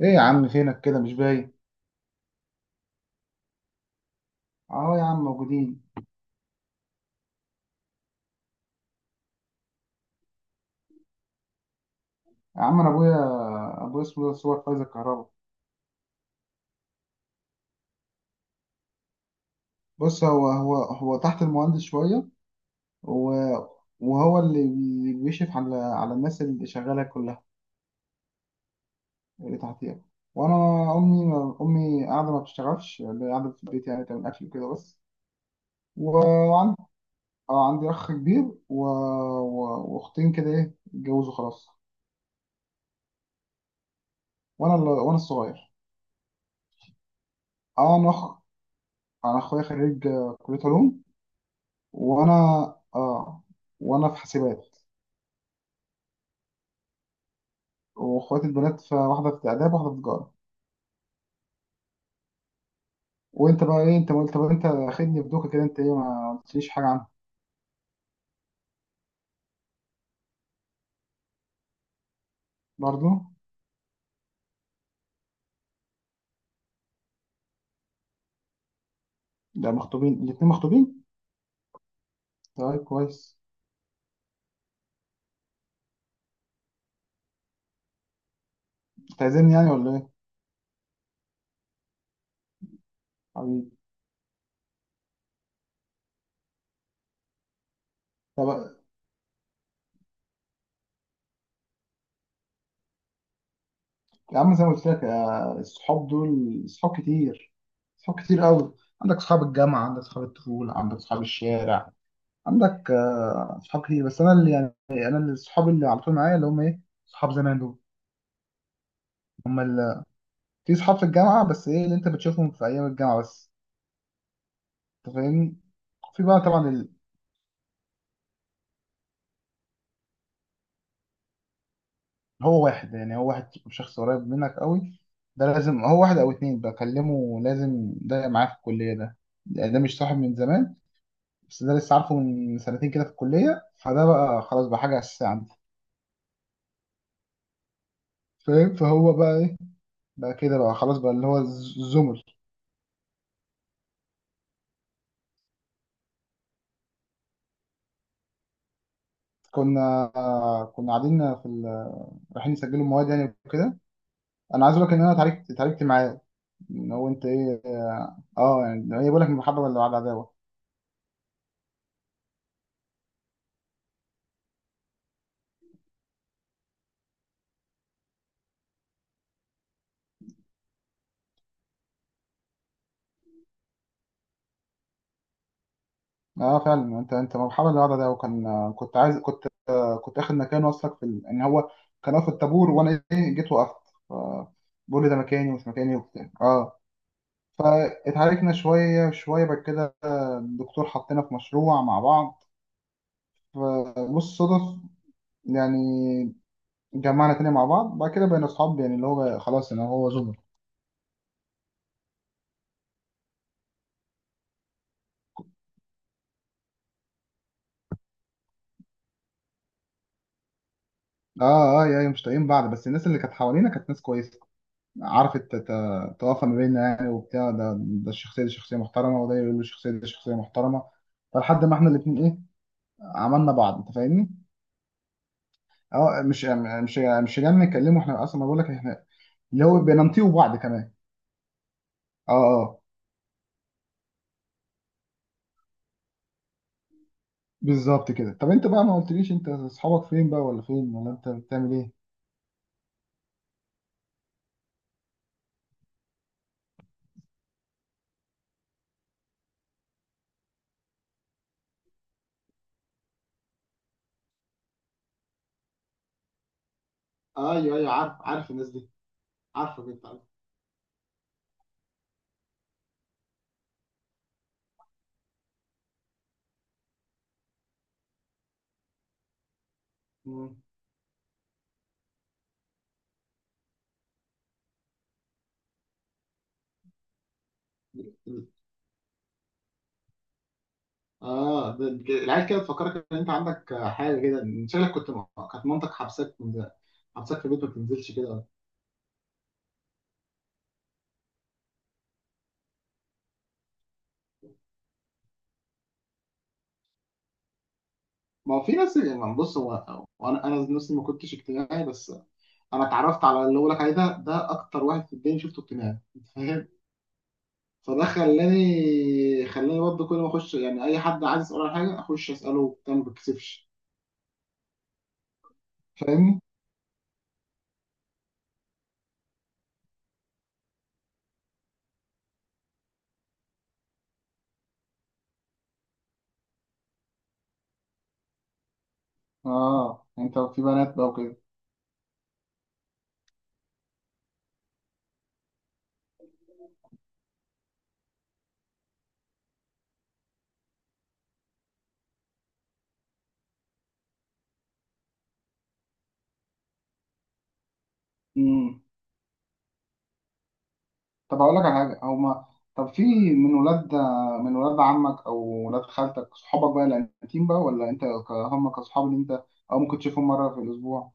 ايه يا عم، فينك كده مش باين؟ اهو يا عم، موجودين. يا عم انا ابويا اسمه ده صور فايز الكهرباء. بص، هو تحت المهندس شويه. و- وهو اللي بيشرف على الناس اللي شغاله كلها، اللي تحتيها. وانا امي امي قاعده ما بتشتغلش، اللي قاعده في البيت يعني تعمل اكل كده بس. وعندي اه، عندي اخ كبير و... واختين كده اتجوزوا خلاص. وانا الصغير. اه، انا اخويا خريج كليه علوم. وانا اه وانا في حاسبات. واخواتي البنات، في واحده في اداب، واحده في تجاره. وانت بقى ايه، انت ما قلت، طب انت خدني بدوكه كده، انت ايه ما قلتليش حاجه عنها؟ برضو. ده مخطوبين، الاتنين مخطوبين. طيب كويس. تعزمني يعني ولا ايه، حبيبي؟ طب يا عم، زي ما قلت لك الصحاب دول صحاب كتير، صحاب كتير قوي. عندك صحاب الجامعه، عندك صحاب الطفوله، عندك صحاب الشارع. عندك صحاب كتير، بس انا اللي يعني، انا اللي الصحاب اللي على طول معايا، اللي هم صحاب زمان دول، هم. في صحاب في الجامعة، بس ايه اللي انت بتشوفهم في ايام الجامعة بس. انت فاهمني؟ في بقى طبعا هو واحد، يعني هو واحد شخص قريب منك قوي. ده لازم هو واحد او اتنين بكلمه، لازم، ده معاه في الكلية ده، يعني ده مش صاحب من زمان. بس ده لسه عارفه من سنتين كده في الكلية، فده بقى خلاص بقى حاجة أساسية عندي. فاهم؟ فهو بقى ايه، بقى كده بقى خلاص بقى، اللي هو الزمر. كنا كنا قاعدين في رايحين نسجلوا المواد يعني وكده. انا عايز اقول لك ان انا اتعاركت معاه. هو انت ايه، يعني ايه، بقول لك المحبه اللي بعد عداوه. اه فعلا، انت المحبه اللي بعد عداوه، كان كنت عايز كنت كنت اخد مكانه اصلا في ان هو كان واقف في الطابور، وانا جيت وقفت. ف- بقول لي ده مكاني ومش مكاني وبتاع فاتعاركنا شويه شويه. بعد كده الدكتور حطينا في مشروع مع بعض، فبص صدف يعني، جمعنا تاني مع بعض. بعد كده بقينا اصحاب يعني، اللي هو خلاص ان هو زمر. اه، اه، يعني مش طايقين بعض، بس الناس اللي كانت حوالينا كانت ناس كويسه، عارفة تتوافق ما بيننا يعني، وبتاع، ده الشخصية دي شخصية محترمة، وده يقول له الشخصية دي شخصية محترمة. فلحد ما احنا الاتنين عملنا بعض، انت فاهمني؟ اه، مش جاي نتكلمه، احنا اصلا بقول لك، احنا اللي هو بننطيه بعض كمان. اه، اه، بالظبط كده. طب انت بقى ما قلتليش، انت اصحابك فين بقى، ولا فين، ولا انت بتعمل ايه؟ ايوه، ايوه، عارف، عارف الناس دي، عارفك، انت عارف. مم. اه، العيال كده تفكرك ان انت عندك حاجه كده، إن شكلك كنت، كانت مامتك حبسك في البيت، ما بتنزلش كده. ما هو في ناس يعني، بص هو وانا، انا نفسي ما كنتش اجتماعي، بس انا اتعرفت على اللي بقولك عليه ده، ده اكتر واحد في الدنيا شفته اجتماعي، انت فاهم؟ فده خلاني برضه كل ما اخش، يعني اي حد عايز اساله على حاجه اخش اساله وبتاع، ما بتكسفش. فاهمني؟ اه، انت في بنات بقى وكده؟ امم طب هقول لك على حاجه، او ما، طب في، من ولاد من ولاد عمك، او ولاد خالتك، صحابك بقى الانتيم بقى، ولا انت هم كصحاب اللي انت، اه، ممكن تشوفهم مره في الاسبوع.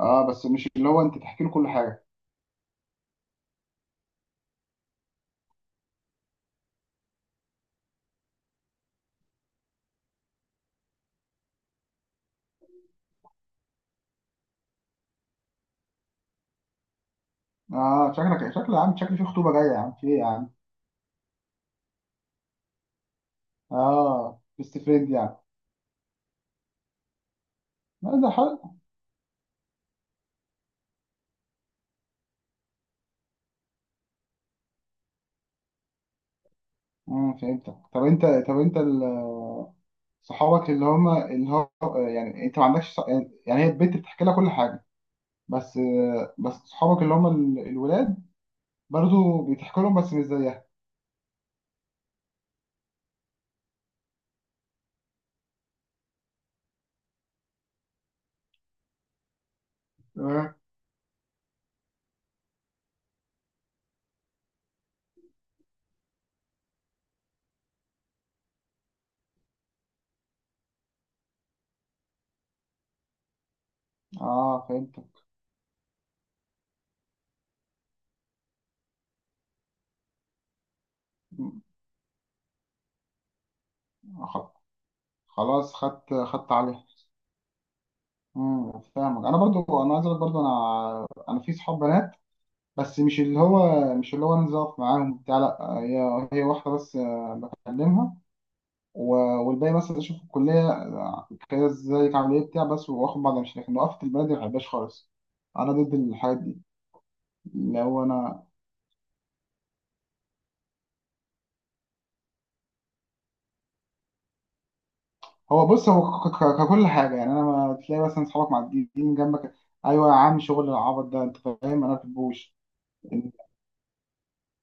اه، بس مش اللي هو انت تحكي له كل حاجه. اه، شكلك شكل يا عم، شكل في خطوبه جايه يا عم، في ايه يا عم؟ اه، بيست فريند يعني. لا، ده حلو. فهمتك. طب انت، طب انت صحابك اللي هم، اللي هو، يعني انت ما عندكش يعني هي البنت بتحكي لها كل حاجه، بس، بس صحابك اللي هم الولاد برضه بيضحكوا لهم، بس مش زيها. اه، اه، فهمت. خ- خلاص، خدت عليها. فاهمك. انا برضو، انا عايز اقول برضو، انا في صحاب بنات، بس مش اللي هو انزل اقف معاهم بتاع، لا هي، هي واحده بس بكلمها. و- والباقي مثلا اشوف الكليه كده ازيك عامل ايه بتاع، بس واخد بعض، مش لكن، وقفت البلد ما بحبهاش خالص، انا ضد الحاجات دي. اللي هو انا، هو بص هو ككل حاجه يعني، انا ما تلاقي مثلا اصحابك معديين جنبك، ايوه يا عم، شغل العبط ده انت فاهم، انا ما بحبوش.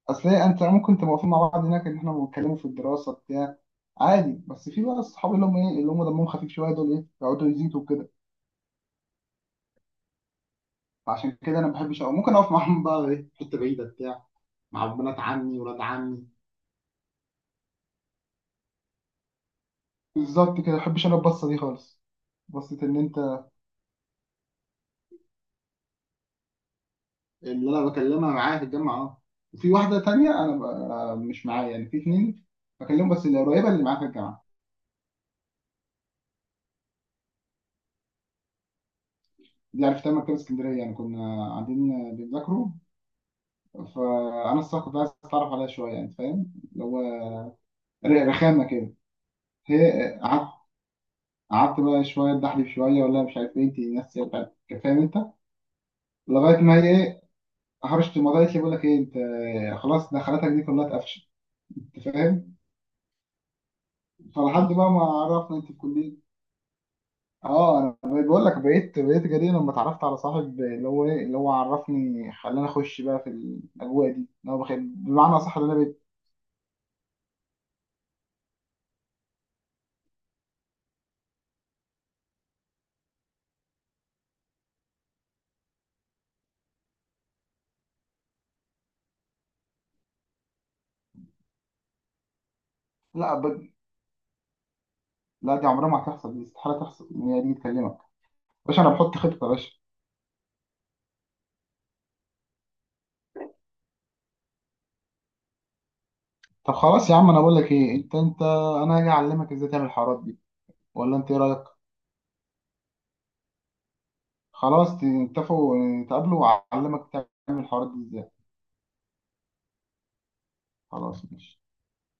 اصل إيه، انت ممكن تبقى واقفين مع بعض هناك ان احنا بنتكلموا في الدراسه بتاع، عادي. بس في بقى الصحاب اللي هم اللي هم دمهم خفيف شويه دول، يقعدوا يزيدوا كده. فعشان كده انا ما بحبش، أو ممكن اقف معاهم بقى في حته بعيده بتاع، مع بنات عمي، ولاد عمي. بالظبط كده، ما بحبش انا البصه دي خالص. بصة إن أنت، اللي انا بكلمها معاها في الجامعه، اه. وفي واحده تانية، انا ب... آه، مش معايا يعني، في اتنين بكلمهم، بس اللي قريبه اللي معايا في الجامعه. دي عرفتها من مكتبه اسكندريه، يعني كنا قاعدين بنذاكروا. فانا الصراحه كنت عايز اتعرف عليها شويه، يعني فاهم اللي هو رخامه كده. هي قعدت بقى شويه، اتدحلب شويه، ولا مش عارف ايه، انت ناس فاهم انت، لغايه ما هي هرشت الموضوع، قالت لي بقول لك ايه، انت خلاص دخلاتك دي كلها اتقفشت، انت فاهم؟ فلحد بقى ما عرفنا انت في كليه. اه، انا بقول لك، بقيت جدير لما اتعرفت على صاحب، اللي هو اللي هو عرفني، خلاني اخش بقى في الاجواء دي، اللي هو بمعنى اصح، اللي انا بقيت. لا، لا، دي عمرها ما هتحصل، دي استحاله تحصل ان هي دي تكلمك. باشا، انا بحط خطه يا باشا. طب خلاص يا عم، انا بقول لك ايه، انت انا هاجي اعلمك ازاي تعمل الحوارات دي، ولا انت ايه رايك؟ خلاص، اتفقوا. اه، تقابلوا واعلمك تعمل الحوارات دي ازاي. خلاص ماشي.